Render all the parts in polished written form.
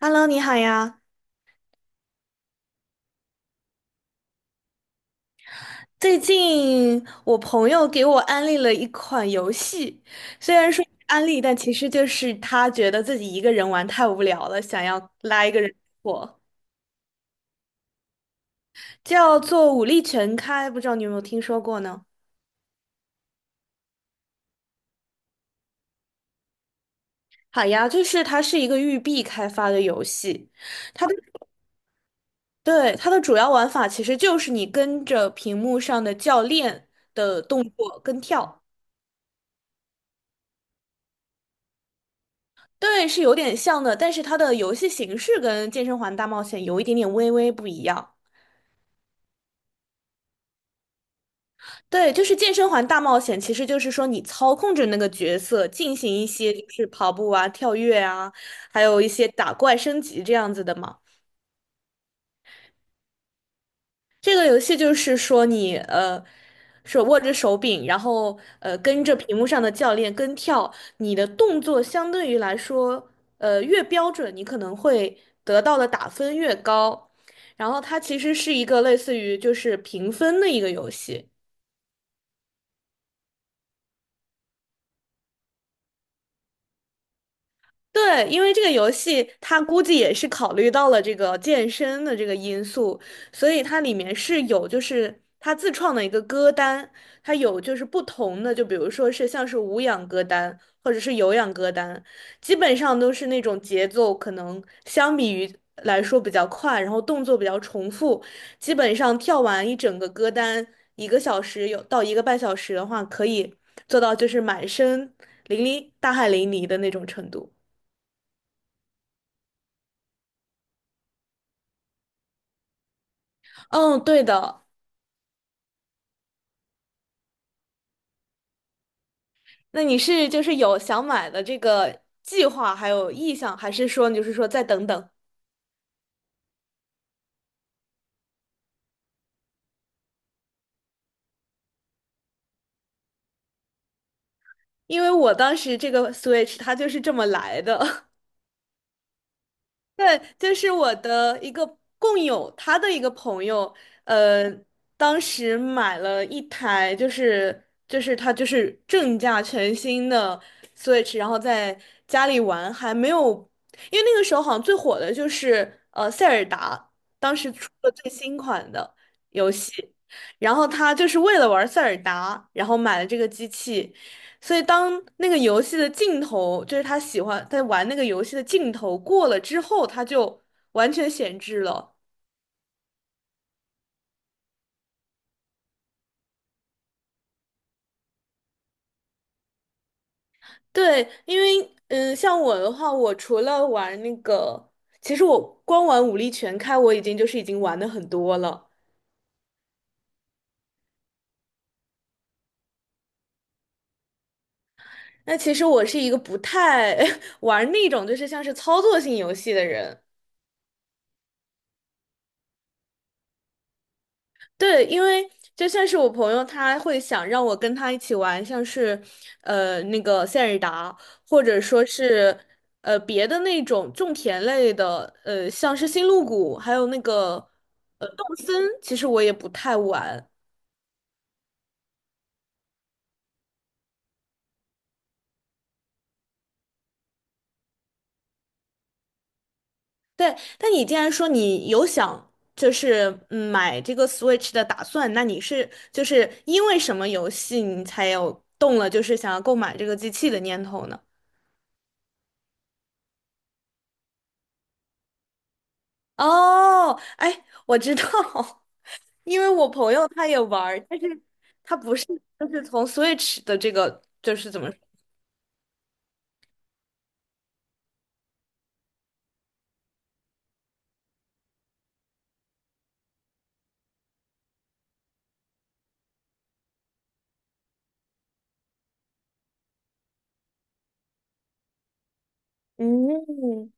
Hello，你好呀！最近我朋友给我安利了一款游戏，虽然说是安利，但其实就是他觉得自己一个人玩太无聊了，想要拉一个人我叫做《武力全开》，不知道你有没有听说过呢？好呀，就是它是一个育碧开发的游戏，它的对它的主要玩法其实就是你跟着屏幕上的教练的动作跟跳。对，是有点像的，但是它的游戏形式跟健身环大冒险有一点点微微不一样。对，就是健身环大冒险，其实就是说你操控着那个角色进行一些就是跑步啊、跳跃啊，还有一些打怪升级这样子的嘛。这个游戏就是说你手握着手柄，然后跟着屏幕上的教练跟跳，你的动作相对于来说，越标准，你可能会得到的打分越高。然后它其实是一个类似于就是评分的一个游戏。对，因为这个游戏它估计也是考虑到了这个健身的这个因素，所以它里面是有就是它自创的一个歌单，它有就是不同的，就比如说是像是无氧歌单或者是有氧歌单，基本上都是那种节奏可能相比于来说比较快，然后动作比较重复，基本上跳完一整个歌单，一个小时有到一个半小时的话，可以做到就是满身淋漓大汗淋漓的那种程度。嗯，对的。那你是就是有想买的这个计划，还有意向，还是说你就是说再等等？因为我当时这个 Switch 它就是这么来的。对，就是我的一个共友，他的一个朋友，呃，当时买了一台，就是他就是正价全新的 Switch，然后在家里玩，还没有，因为那个时候好像最火的就是塞尔达，当时出了最新款的游戏，然后他就是为了玩塞尔达，然后买了这个机器，所以当那个游戏的镜头，就是他喜欢在玩那个游戏的镜头过了之后，他就完全闲置了。对，因为嗯，像我的话，我除了玩那个，其实我光玩武力全开，我已经就是已经玩的很多了。那其实我是一个不太 玩那种就是像是操作性游戏的人。对，因为就像是我朋友，他会想让我跟他一起玩，像是那个塞尔达，或者说是别的那种种田类的，像是星露谷，还有那个动森，其实我也不太玩。对，但你既然说你有想就是买这个 Switch 的打算，那你是就是因为什么游戏你才有动了就是想要购买这个机器的念头呢？哦，哎，我知道，因为我朋友他也玩儿但是他不是，就是从 Switch 的这个，就是怎么说嗯，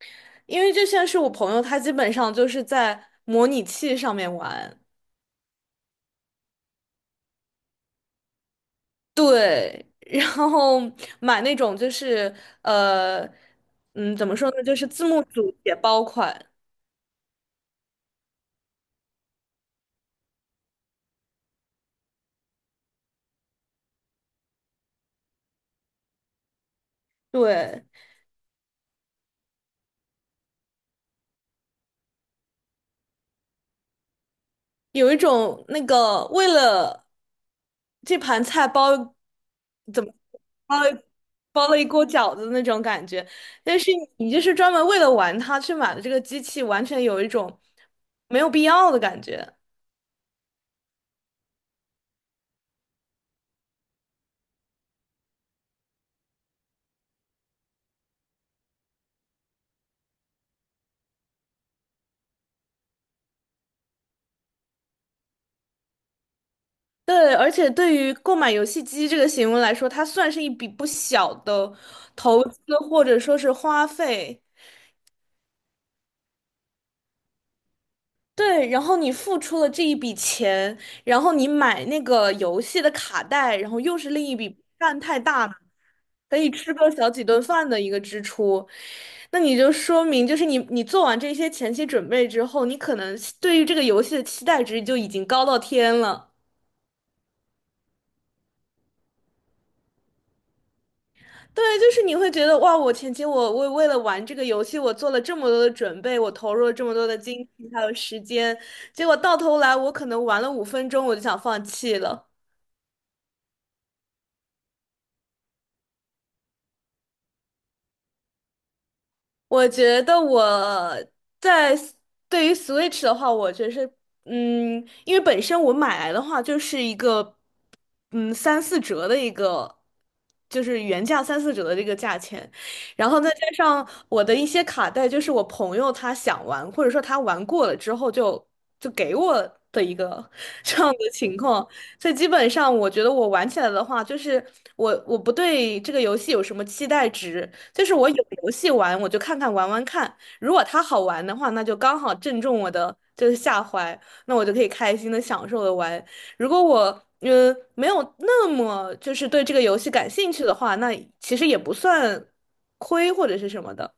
因为就像是我朋友，他基本上就是在模拟器上面玩，对，然后买那种就是呃，怎么说呢，就是字幕组解包款，对，有一种那个为了这盘菜包。怎么？包了包了一锅饺子的那种感觉。但是你就是专门为了玩它去买的这个机器，完全有一种没有必要的感觉。对，而且对于购买游戏机这个行为来说，它算是一笔不小的投资或者说是花费。对，然后你付出了这一笔钱，然后你买那个游戏的卡带，然后又是另一笔不算太大了可以吃个小几顿饭的一个支出，那你就说明就是你做完这些前期准备之后，你可能对于这个游戏的期待值就已经高到天了。对，就是你会觉得哇，我前期我为了玩这个游戏，我做了这么多的准备，我投入了这么多的精力还有时间，结果到头来我可能玩了五分钟我就想放弃了。我觉得我在 s- 对于 Switch 的话，我觉得是，嗯，因为本身我买来的话就是一个，嗯，三四折的一个，就是原价三四折的这个价钱，然后再加上我的一些卡带，就是我朋友他想玩，或者说他玩过了之后就给我的一个 这样的情况，所以基本上我觉得我玩起来的话，就是我不对这个游戏有什么期待值。就是我有游戏玩，我就看看玩玩看。如果它好玩的话，那就刚好正中我的就是下怀，那我就可以开心的享受的玩。如果我没有那么就是对这个游戏感兴趣的话，那其实也不算亏或者是什么的。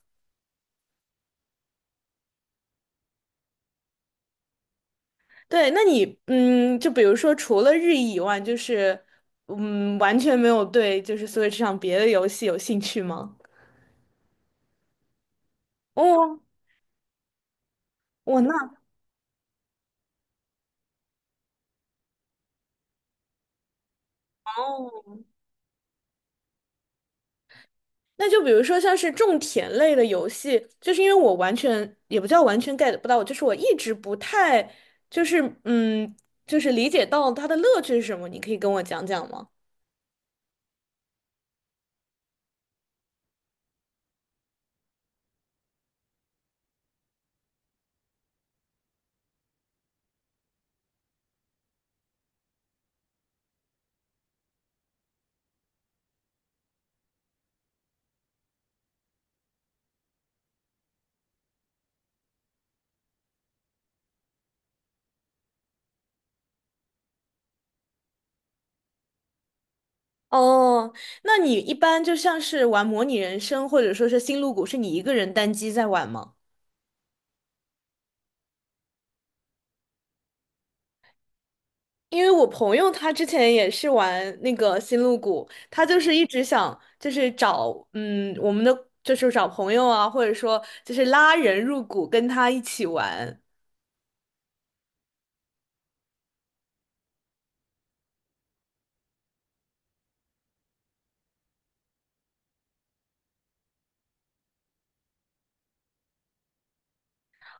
对，那你嗯，就比如说除了日语以外，就是完全没有对就是 Switch 上别的游戏有兴趣吗？哦，我那哦。那就比如说像是种田类的游戏，就是因为我完全也不叫完全 get 不到，就是我一直不太就是就是理解到它的乐趣是什么，你可以跟我讲讲吗？哦，那你一般就像是玩模拟人生或者说是星露谷，是你一个人单机在玩吗？因为我朋友他之前也是玩那个星露谷，他就是一直想就是找我们的就是找朋友啊，或者说就是拉人入谷跟他一起玩。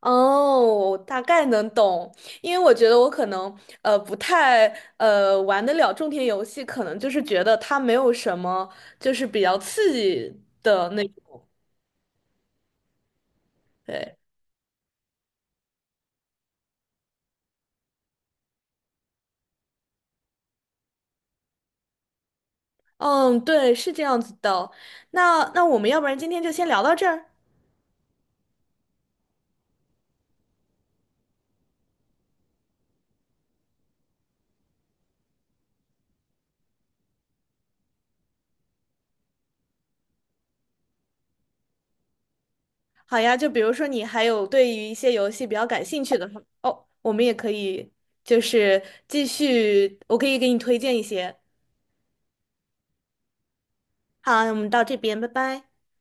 哦，大概能懂，因为我觉得我可能不太玩得了种田游戏，可能就是觉得它没有什么就是比较刺激的那种。对，嗯，对，是这样子的。那那我们要不然今天就先聊到这儿。好呀，就比如说你还有对于一些游戏比较感兴趣的话哦，我们也可以就是继续，我可以给你推荐一些。好，那我们到这边，拜拜。